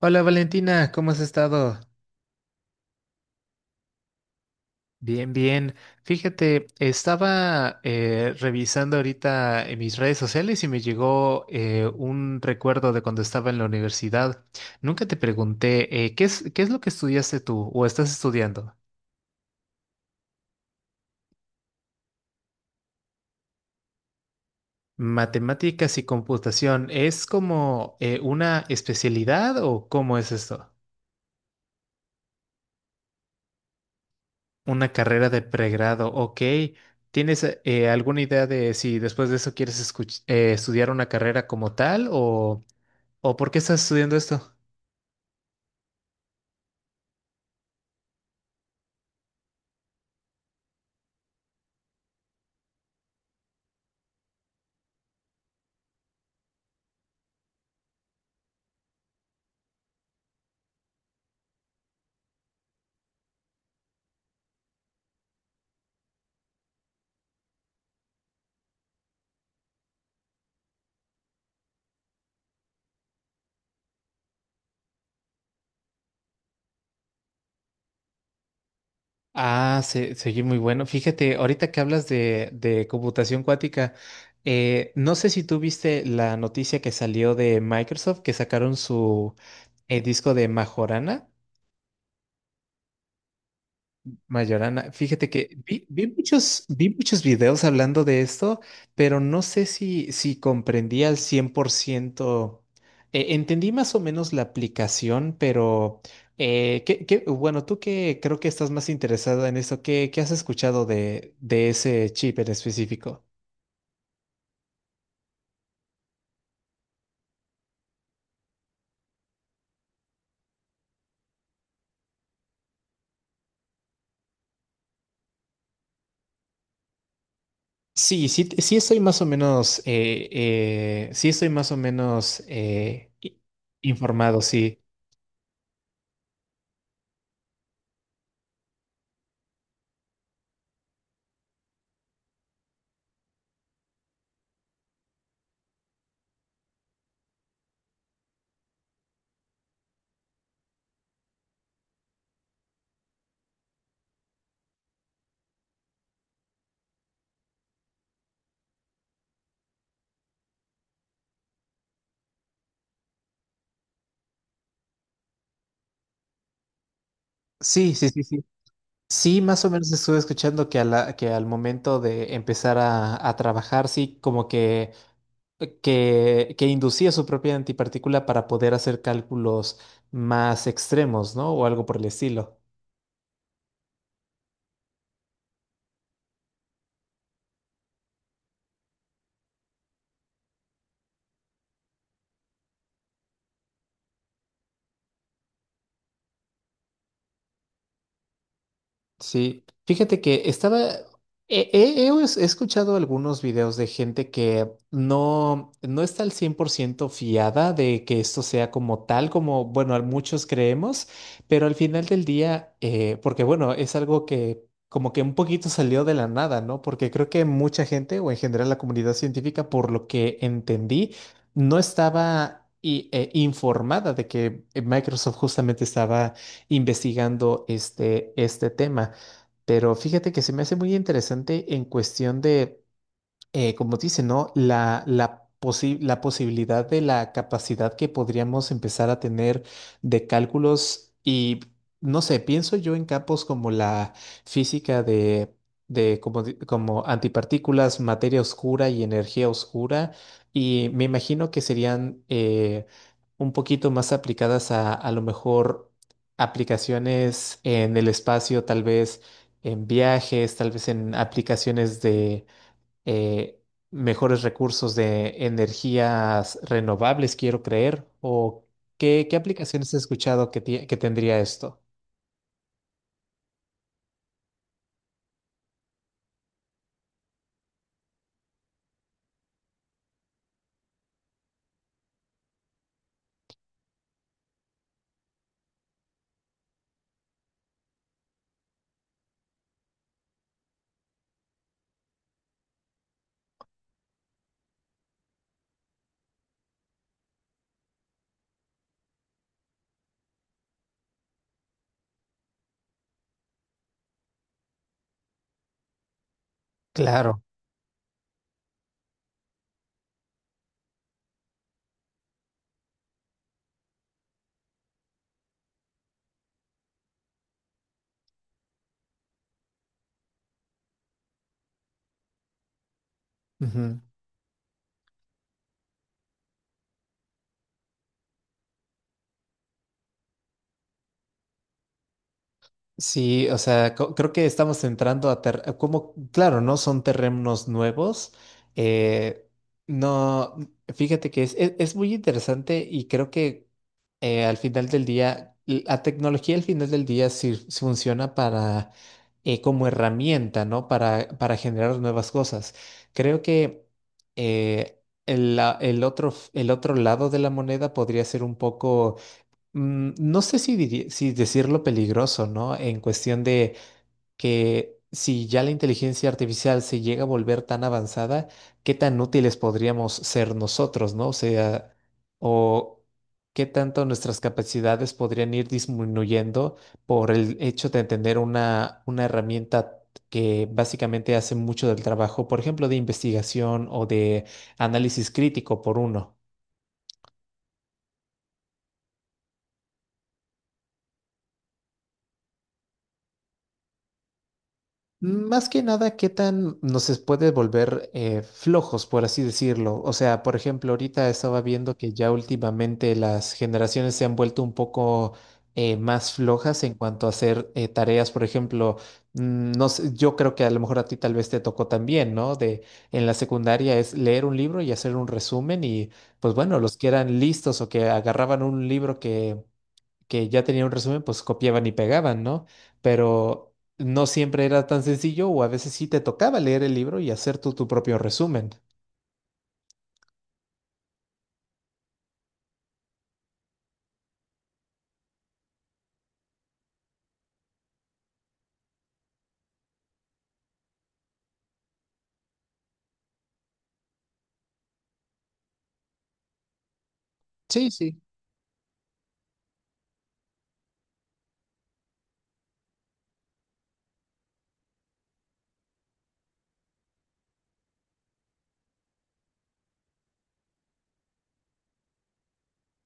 Hola Valentina, ¿cómo has estado? Bien, bien. Fíjate, estaba revisando ahorita en mis redes sociales y me llegó un recuerdo de cuando estaba en la universidad. Nunca te pregunté, qué es lo que estudiaste tú o estás estudiando? Matemáticas y computación, ¿es como una especialidad o cómo es esto? Una carrera de pregrado, ok. ¿Tienes alguna idea de si después de eso quieres estudiar una carrera como tal o por qué estás estudiando esto? Ah, se muy bueno. Fíjate, ahorita que hablas de computación cuántica, no sé si tú viste la noticia que salió de Microsoft que sacaron su disco de Majorana. Mayorana, fíjate que vi, vi muchos videos hablando de esto, pero no sé si, si comprendí al 100%. Entendí más o menos la aplicación, pero bueno, tú que creo que estás más interesada en esto, ¿qué, qué has escuchado de ese chip en específico? Sí, sí, sí estoy más o menos, sí estoy más o menos informado, sí. Sí, sí, sí, sí. Sí, más o menos estuve escuchando que, que al momento de empezar a trabajar, sí, como que, que inducía su propia antipartícula para poder hacer cálculos más extremos, ¿no? O algo por el estilo. Sí, fíjate que estaba, he escuchado algunos videos de gente que no, no está al 100% fiada de que esto sea como tal, como, bueno, muchos creemos, pero al final del día, porque bueno, es algo que como que un poquito salió de la nada, ¿no? Porque creo que mucha gente, o en general la comunidad científica, por lo que entendí, no estaba informada de que Microsoft justamente estaba investigando este tema. Pero fíjate que se me hace muy interesante en cuestión de como dice, ¿no? La posibilidad de la capacidad que podríamos empezar a tener de cálculos y, no sé, pienso yo en campos como la física de como, como antipartículas, materia oscura y energía oscura, y me imagino que serían un poquito más aplicadas a lo mejor aplicaciones en el espacio, tal vez en viajes, tal vez en aplicaciones eh, mejores recursos de energías renovables, quiero creer, o qué, qué aplicaciones he escuchado que, que tendría esto. Claro. Ujú. Sí, o sea, creo que estamos entrando a como, claro, no son terrenos nuevos. eh, no, fíjate que es muy interesante y creo que al final del día, la tecnología al final del día funciona para, como herramienta, ¿no? Para generar nuevas cosas. Creo que eh, el, el otro, el otro lado de la moneda podría ser un poco, mm, no sé si, si decirlo peligroso, ¿no? En cuestión de que si ya la inteligencia artificial se llega a volver tan avanzada, ¿qué tan útiles podríamos ser nosotros, ¿no? O sea, o qué tanto nuestras capacidades podrían ir disminuyendo por el hecho de tener una herramienta que básicamente hace mucho del trabajo, por ejemplo, de investigación o de análisis crítico por uno. Más que nada, ¿qué tan nos puede volver flojos, por así decirlo? O sea, por ejemplo, ahorita estaba viendo que ya últimamente las generaciones se han vuelto un poco más flojas en cuanto a hacer tareas. Por ejemplo, mm, no sé, yo creo que a lo mejor a ti tal vez te tocó también, ¿no? De en la secundaria es leer un libro y hacer un resumen y, pues bueno, los que eran listos o que agarraban un libro que ya tenían un resumen, pues copiaban y pegaban, ¿no? Pero no siempre era tan sencillo o a veces sí te tocaba leer el libro y hacer tú tu propio resumen. Sí, sí.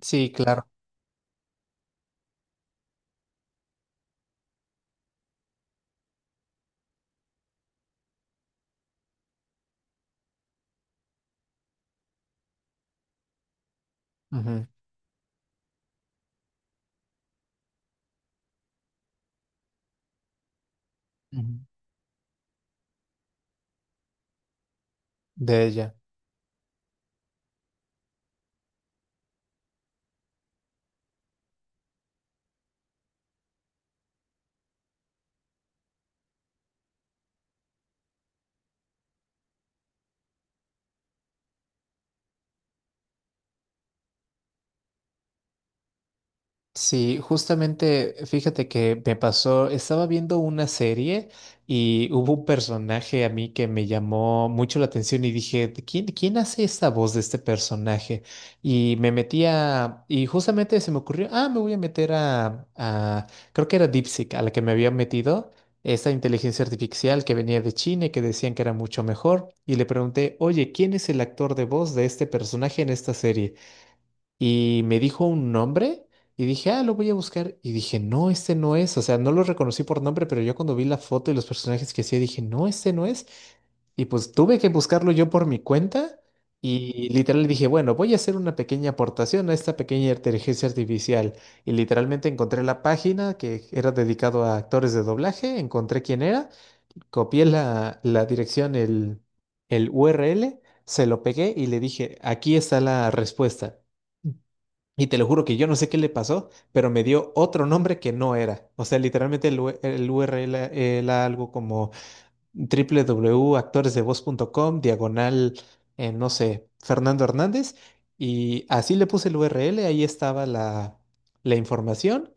Sí, claro. Ujú, ujú. De ella. Sí, justamente, fíjate que me pasó, estaba viendo una serie y hubo un personaje a mí que me llamó mucho la atención y dije, "¿De ¿quién, quién hace esta voz de este personaje? Y me metía, y justamente se me ocurrió, ah, me voy a meter a, creo que era DeepSeek, a la que me había metido, esta inteligencia artificial que venía de China y que decían que era mucho mejor, y le pregunté, oye, ¿quién es el actor de voz de este personaje en esta serie? Y me dijo un nombre y dije, ah, lo voy a buscar. Y dije, no, este no es. O sea, no lo reconocí por nombre, pero yo cuando vi la foto y los personajes que hacía, dije, no, este no es. Y pues tuve que buscarlo yo por mi cuenta y literal dije, bueno, voy a hacer una pequeña aportación a esta pequeña inteligencia artificial. Y literalmente encontré la página que era dedicado a actores de doblaje, encontré quién era, copié la, la dirección, el URL, se lo pegué y le dije, aquí está la respuesta. Y te lo juro que yo no sé qué le pasó, pero me dio otro nombre que no era. O sea, literalmente el, el URL era algo como www.actoresdevoz.com, diagonal, no sé, Fernando Hernández. Y así le puse el URL, ahí estaba la, la información.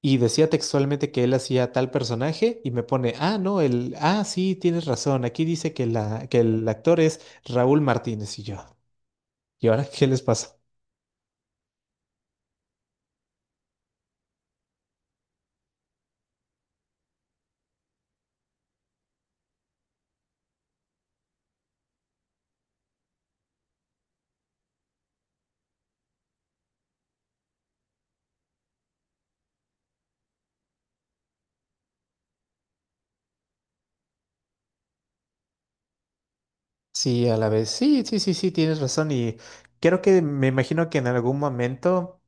Y decía textualmente que él hacía tal personaje y me pone, ah, no, el, ah, sí, tienes razón, aquí dice que, la, que el actor es Raúl Martínez y yo. ¿Y ahora qué les pasa? Sí, a la vez. Sí, sí, sí, sí, tienes razón. Y creo que me imagino que en algún momento,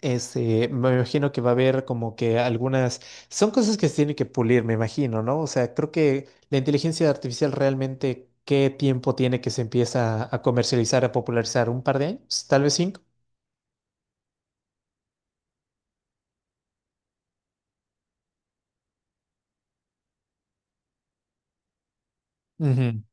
este, me imagino que va a haber como que algunas, son cosas que se tienen que pulir, me imagino, ¿no? O sea, creo que la inteligencia artificial realmente, ¿qué tiempo tiene que se empieza a comercializar, a popularizar? ¿Un par de años? ¿Tal vez cinco? Ujú.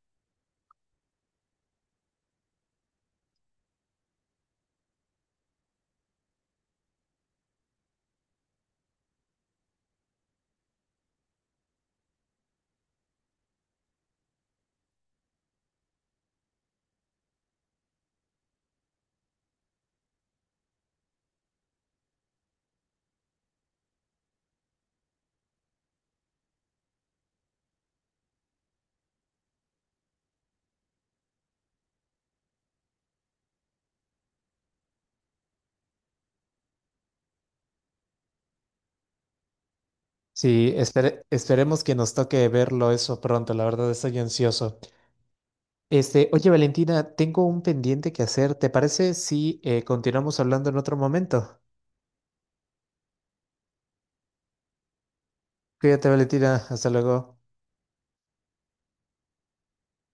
Sí, esperemos que nos toque verlo eso pronto, la verdad estoy ansioso. Este, oye Valentina, tengo un pendiente que hacer, ¿te parece si continuamos hablando en otro momento? Cuídate, Valentina. Hasta luego.